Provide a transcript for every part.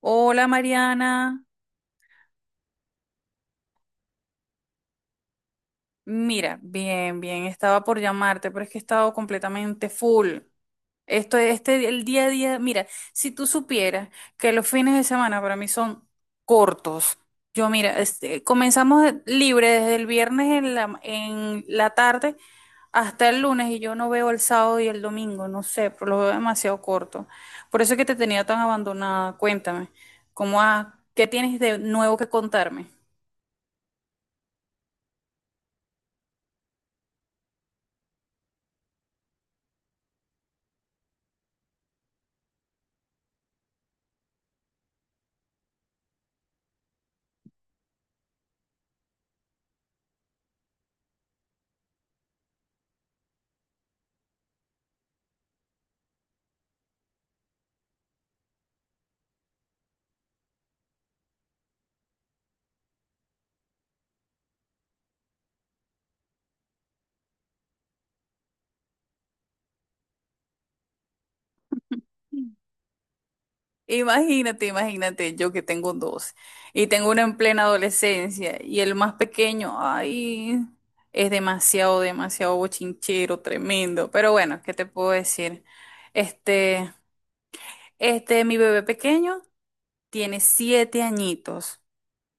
Hola Mariana, mira, bien, bien, estaba por llamarte, pero es que he estado completamente full. El día a día, mira, si tú supieras que los fines de semana para mí son cortos. Yo, mira, comenzamos libre desde el viernes en en la tarde hasta el lunes y yo no veo el sábado y el domingo, no sé, pero lo veo demasiado corto. Por eso es que te tenía tan abandonada. Cuéntame, qué tienes de nuevo que contarme? Imagínate, imagínate, yo que tengo dos y tengo uno en plena adolescencia y el más pequeño, ay, es demasiado, demasiado bochinchero, tremendo. Pero bueno, ¿qué te puedo decir? Este, mi bebé pequeño tiene 7 añitos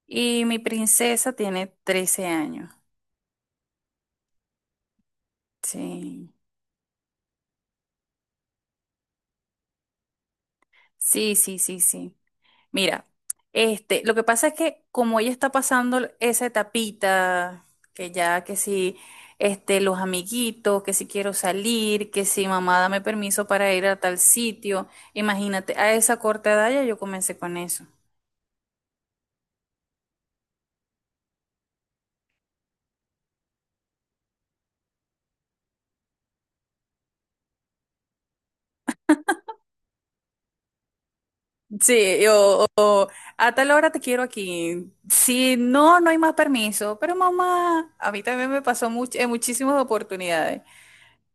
y mi princesa tiene 13 años. Sí, sí, sí, sí, sí. Mira, lo que pasa es que como ella está pasando esa etapita, que ya que si los amiguitos, que si quiero salir, que si mamá dame permiso para ir a tal sitio, imagínate, a esa corta edad ya yo comencé con eso. Sí, yo a tal hora te quiero aquí. Si no, no hay más permiso. Pero mamá, a mí también me pasó en muchísimas oportunidades.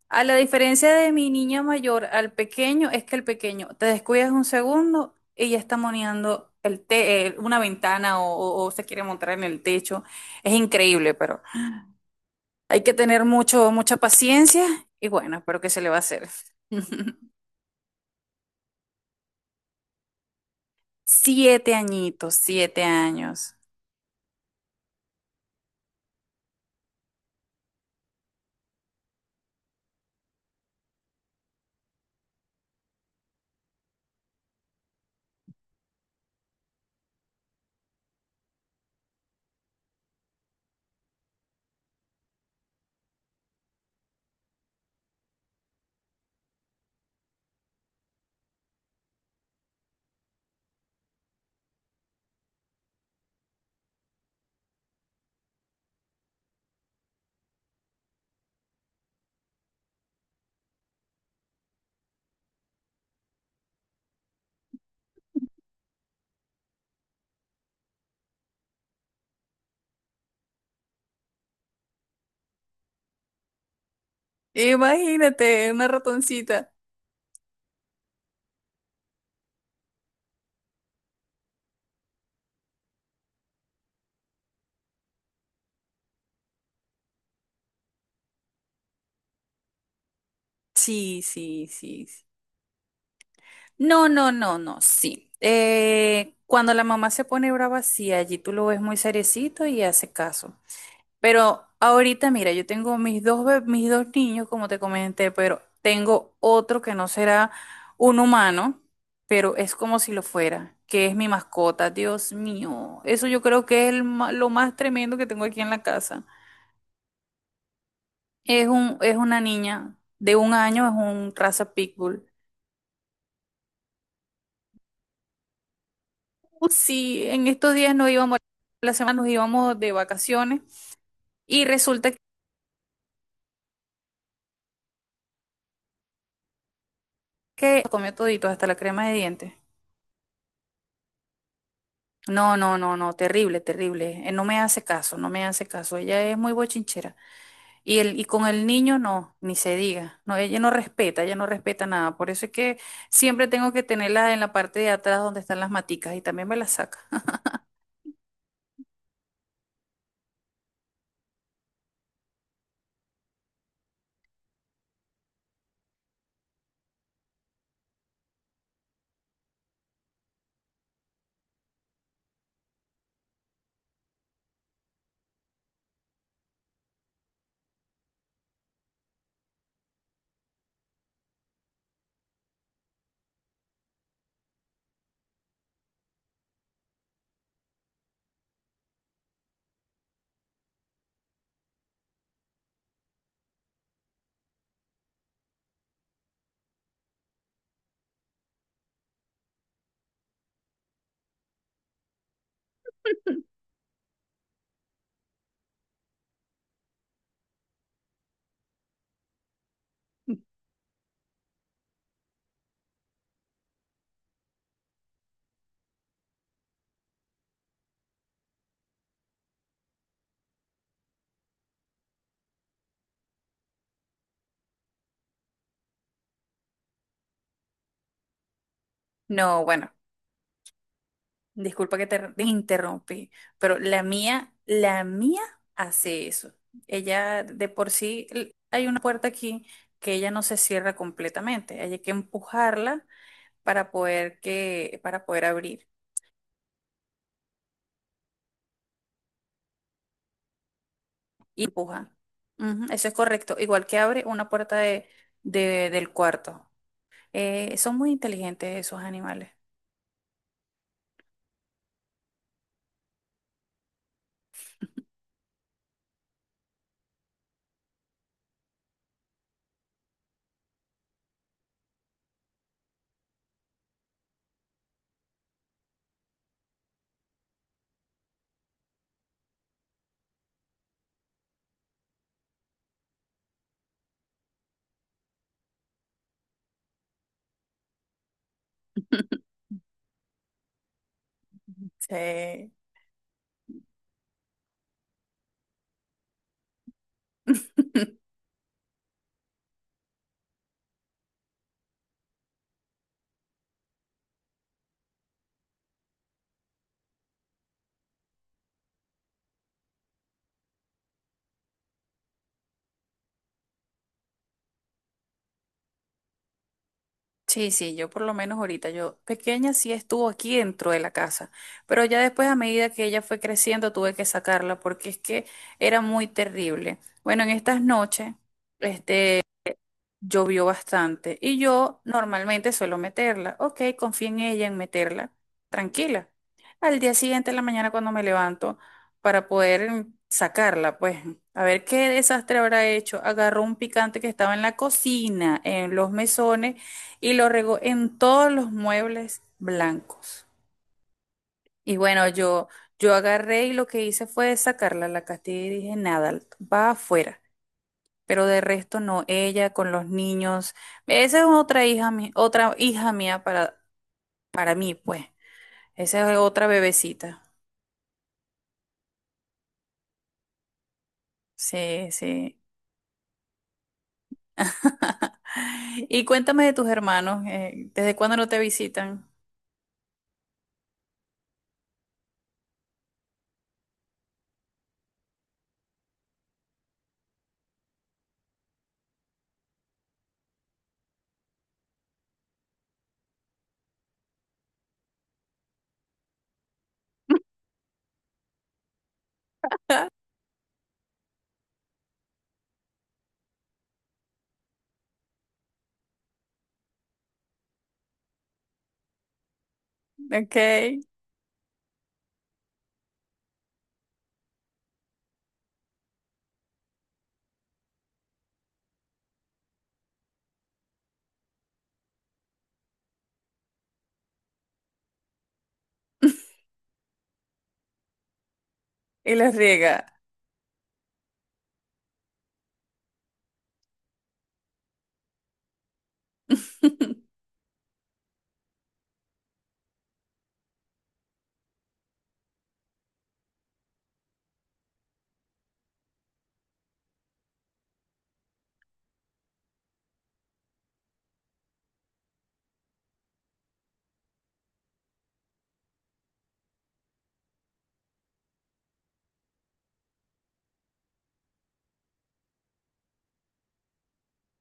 A la diferencia de mi niña mayor al pequeño, es que el pequeño te descuidas un segundo y ya está moneando una ventana o, o se quiere montar en el techo. Es increíble, pero hay que tener mucha paciencia y bueno, pero ¿qué se le va a hacer? 7 añitos, 7 años. Imagínate, una ratoncita. Sí, sí, sí, sí. No, no, no, no, sí. Cuando la mamá se pone brava, sí, allí tú lo ves muy seriecito y hace caso. Pero ahorita, mira, yo tengo mis mis dos niños, como te comenté, pero tengo otro que no será un humano, pero es como si lo fuera, que es mi mascota. Dios mío, eso yo creo que es lo más tremendo que tengo aquí en la casa. Es una niña de 1 año, es un raza pitbull. Sí, en estos días nos íbamos, la semana nos íbamos de vacaciones y resulta que comió todito, hasta la crema de dientes. No, no, no, no, terrible, terrible. No me hace caso, no me hace caso. Ella es muy bochinchera. Y con el niño no, ni se diga. No, ella no respeta nada. Por eso es que siempre tengo que tenerla en la parte de atrás donde están las maticas y también me las saca. No, bueno. Disculpa que te te interrumpí, pero la mía hace eso. Ella de por sí, hay una puerta aquí que ella no se cierra completamente. Hay que empujarla para poder que, para poder abrir. Y empuja. Ujú, eso es correcto. Igual que abre una puerta de, del cuarto. Son muy inteligentes esos animales. Sí. Sí, sí, yo por lo menos ahorita, yo pequeña sí estuvo aquí dentro de la casa, pero ya después a medida que ella fue creciendo tuve que sacarla porque es que era muy terrible. Bueno, en estas noches, este, llovió bastante y yo normalmente suelo meterla. Ok, confío en ella en meterla, tranquila. Al día siguiente, en la mañana, cuando me levanto para poder sacarla, pues a ver qué desastre habrá hecho. Agarró un picante que estaba en la cocina, en los mesones y lo regó en todos los muebles blancos. Y bueno, yo agarré y lo que hice fue sacarla a la castilla y dije, nada, va afuera pero de resto no, ella con los niños. Esa es otra hija, otra hija mía para mí, pues. Esa es otra bebecita. Sí, sí. Y cuéntame de tus hermanos, ¿desde cuándo no te visitan? Ok, y les riega.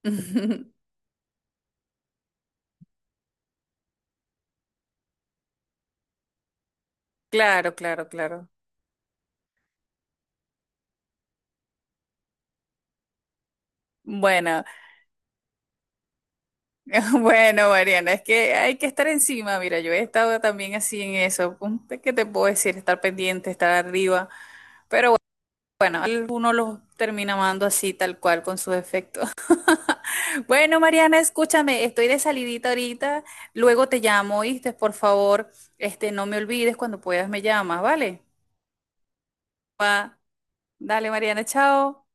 Claro, claro, claro. Bueno, bueno, Mariana, es que hay que estar encima. Mira, yo he estado también así en eso. ¿Qué te puedo decir? Estar pendiente, estar arriba. Pero bueno, uno los termina amando así, tal cual, con sus efectos. Bueno, Mariana, escúchame, estoy de salidita ahorita. Luego te llamo, ¿oíste? Por favor, no me olvides cuando puedas me llamas, ¿vale? Va. Dale, Mariana, chao.